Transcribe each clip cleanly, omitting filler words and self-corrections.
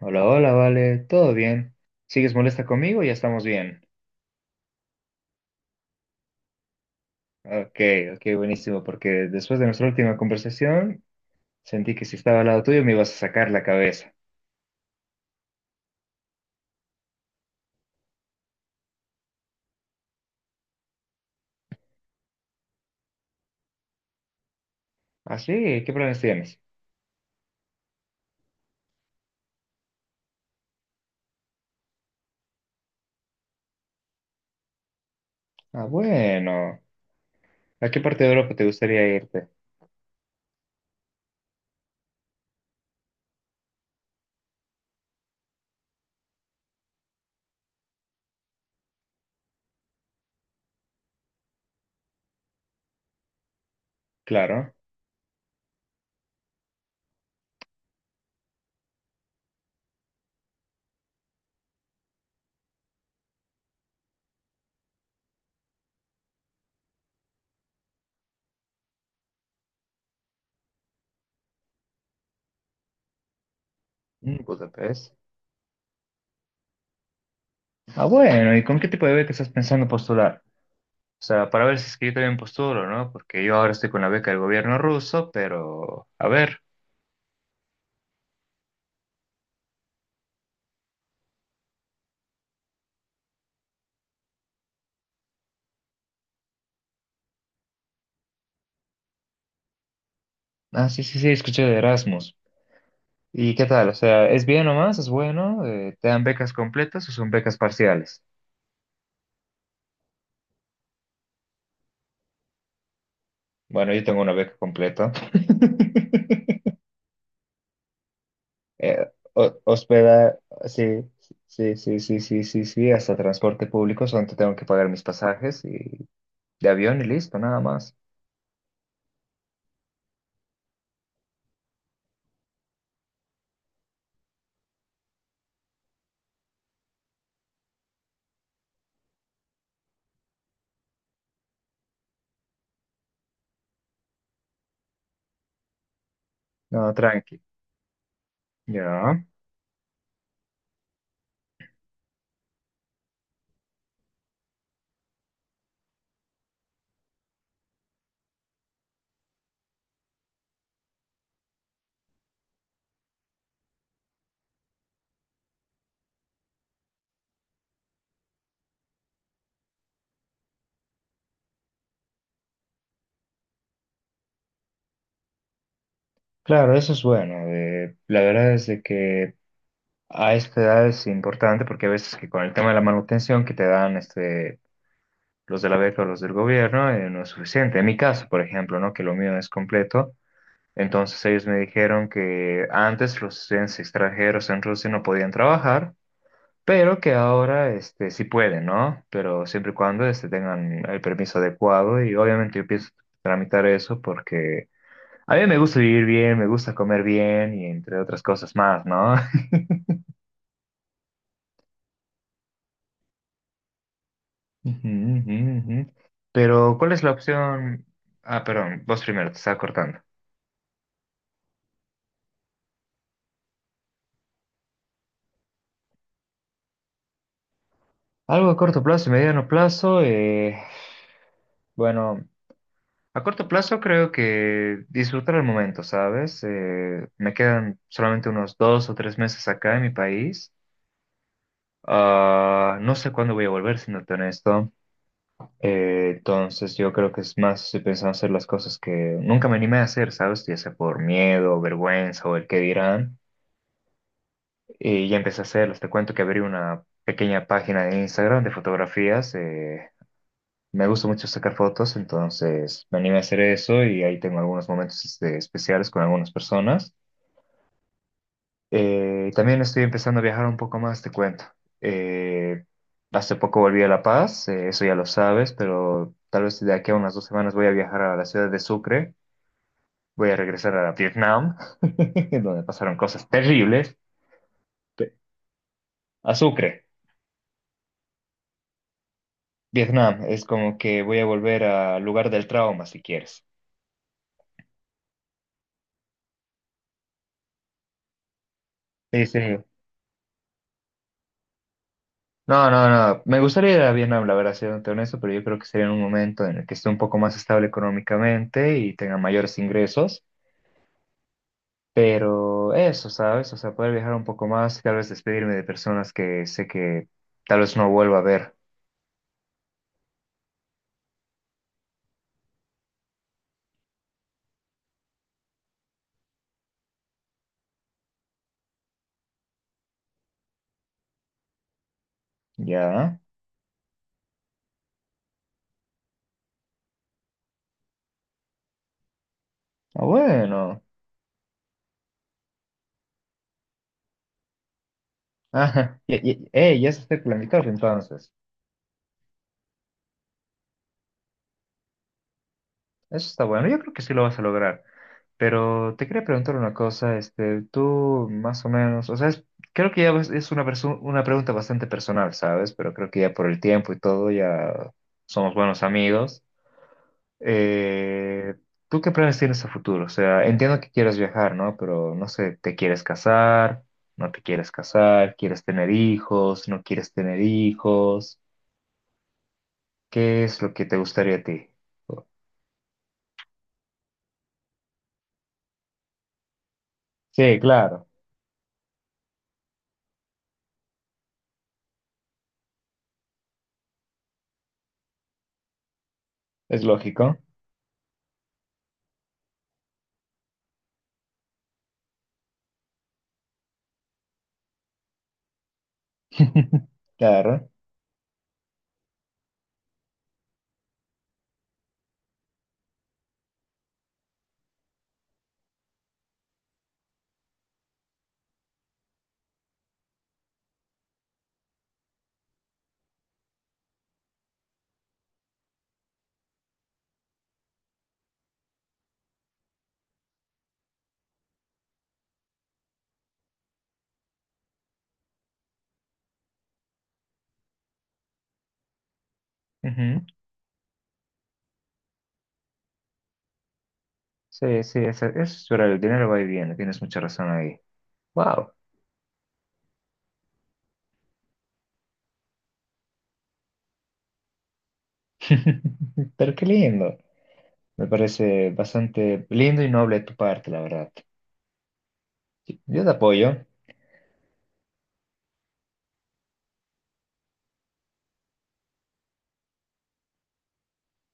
Hola, hola, vale, todo bien. ¿Sigues molesta conmigo? Ya estamos bien. Ok, ok, buenísimo, porque después de nuestra última conversación sentí que si estaba al lado tuyo me ibas a sacar la cabeza. ¿Ah, sí? ¿Qué planes tienes? Ah, bueno. ¿A qué parte de Europa te gustaría irte? Claro. Mm, Budapest. Ah, bueno, ¿y con qué tipo de beca estás pensando postular? O sea, para ver si es que yo también postulo, ¿no? Porque yo ahora estoy con la beca del gobierno ruso, pero a ver. Ah, sí, sí, sí, escuché de Erasmus. ¿Y qué tal? O sea, ¿es bien nomás? ¿Es bueno? ¿Te dan becas completas o son becas parciales? Bueno, yo tengo una beca completa. Eh, Hospeda, sí, sí, sí, sí, sí, sí, sí, hasta transporte público, solamente tengo que pagar mis pasajes y de avión y listo, nada más. No, tranqui. Ya. Claro, eso es bueno. La verdad es de que a esta edad es importante porque a veces que con el tema de la manutención que te dan este los de la beca o los del gobierno, no es suficiente. En mi caso, por ejemplo, ¿no? Que lo mío es completo. Entonces ellos me dijeron que antes los estudiantes extranjeros en Rusia no podían trabajar, pero que ahora este, sí pueden, ¿no? Pero siempre y cuando este, tengan el permiso adecuado y obviamente yo pienso tramitar eso porque a mí me gusta vivir bien, me gusta comer bien y entre otras cosas más, ¿no? Ujú, ujú, ujú. Pero ¿cuál es la opción? Ah, perdón, vos primero, te estaba cortando. Algo a corto plazo y mediano plazo, bueno, a corto plazo creo que disfrutar el momento, ¿sabes? Me quedan solamente unos 2 o 3 meses acá en mi país. Ah, no sé cuándo voy a volver, siéndote honesto. Entonces yo creo que es más, estoy pensando hacer las cosas que nunca me animé a hacer, ¿sabes? Ya sea por miedo, vergüenza o el qué dirán. Y ya empecé a hacerlas. Te cuento que abrí una pequeña página de Instagram de fotografías. Me gusta mucho sacar fotos, entonces me animé a hacer eso y ahí tengo algunos momentos este, especiales con algunas personas. También estoy empezando a viajar un poco más, te cuento. Eh, Hace poco volví a La Paz, eso ya lo sabes, pero tal vez de aquí a unas 2 semanas voy a viajar a la ciudad de Sucre, voy a regresar a Vietnam, donde pasaron cosas terribles. Pe- A Sucre, Vietnam, es como que voy a volver al lugar del trauma, si quieres. Sí, sí. No, no, no. Me gustaría ir a Vietnam, la verdad, siendo honesto, pero yo creo que sería en un momento en el que esté un poco más estable económicamente y tenga mayores ingresos. Pero eso, ¿sabes? O sea, poder viajar un poco más, tal vez despedirme de personas que sé que tal vez no vuelva a ver. Ya. Ah, bueno. Ajá. Ya se está planificado entonces. Eso está bueno, yo creo que sí lo vas a lograr. Pero te quería preguntar una cosa, este, tú más o menos, o sea, creo que es una, una pregunta bastante personal, ¿sabes? Pero creo que ya por el tiempo y todo ya somos buenos amigos. Eh, ¿Tú qué planes tienes a futuro? O sea, entiendo que quieres viajar, ¿no? Pero no sé, ¿te quieres casar? ¿No te quieres casar? ¿Quieres tener hijos? ¿No quieres tener hijos? ¿Qué es lo que te gustaría a ti? Sí, claro, es lógico. Claro. Ujú. Sí, sí, eso es verdad, el dinero va y viene, tienes mucha razón ahí. Wow, pero qué lindo. Me parece bastante lindo y noble de tu parte, la verdad. Sí, yo te apoyo.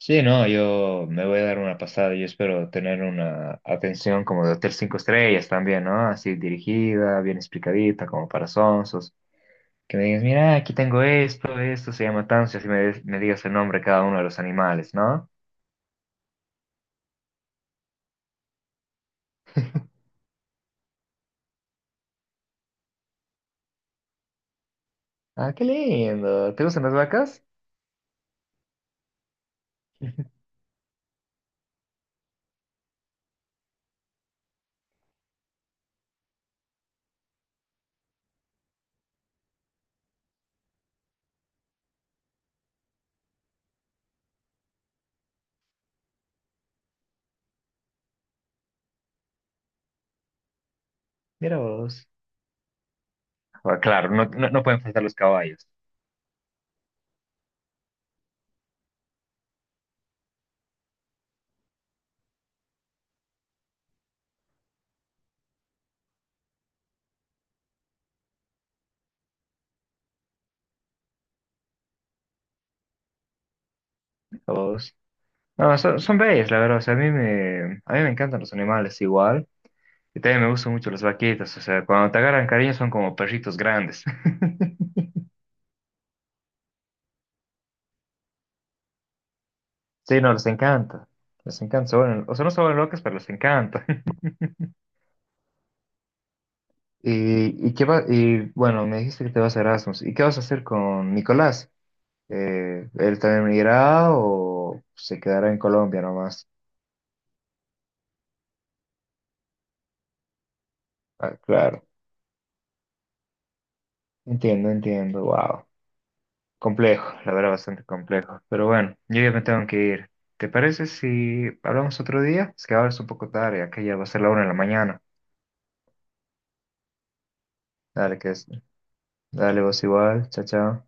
Sí, no, yo me voy a dar una pasada y espero tener una atención como de hotel 5 estrellas también, ¿no? Así dirigida, bien explicadita, como para sonsos. Que me digas, mira, aquí tengo esto, esto se llama tanso, y así me digas el nombre de cada uno de los animales, ¿no? Ah, qué lindo. ¿Te gustan las vacas? Mira vos. Ah, claro, no, no, no pueden faltar los caballos. Vos. No, son bellos, la verdad. O sea, a mí me encantan los animales igual. Y también me gustan mucho las vaquitas. O sea, cuando te agarran cariño son como perritos grandes. Sí, no, les encanta. Les encanta. O sea, no se vuelven locas, pero les encanta. Y, qué va, y bueno, me dijiste que te vas a Erasmus. ¿Y qué vas a hacer con Nicolás? ¿Él también irá o se quedará en Colombia nomás? Ah, claro. Entiendo, entiendo, wow. Complejo, la verdad, bastante complejo. Pero bueno, yo ya me tengo que ir. ¿Te parece si hablamos otro día? Es que ahora es un poco tarde, acá ya va a ser la una de la mañana. Dale, que es. Dale, vos igual, chao, chao.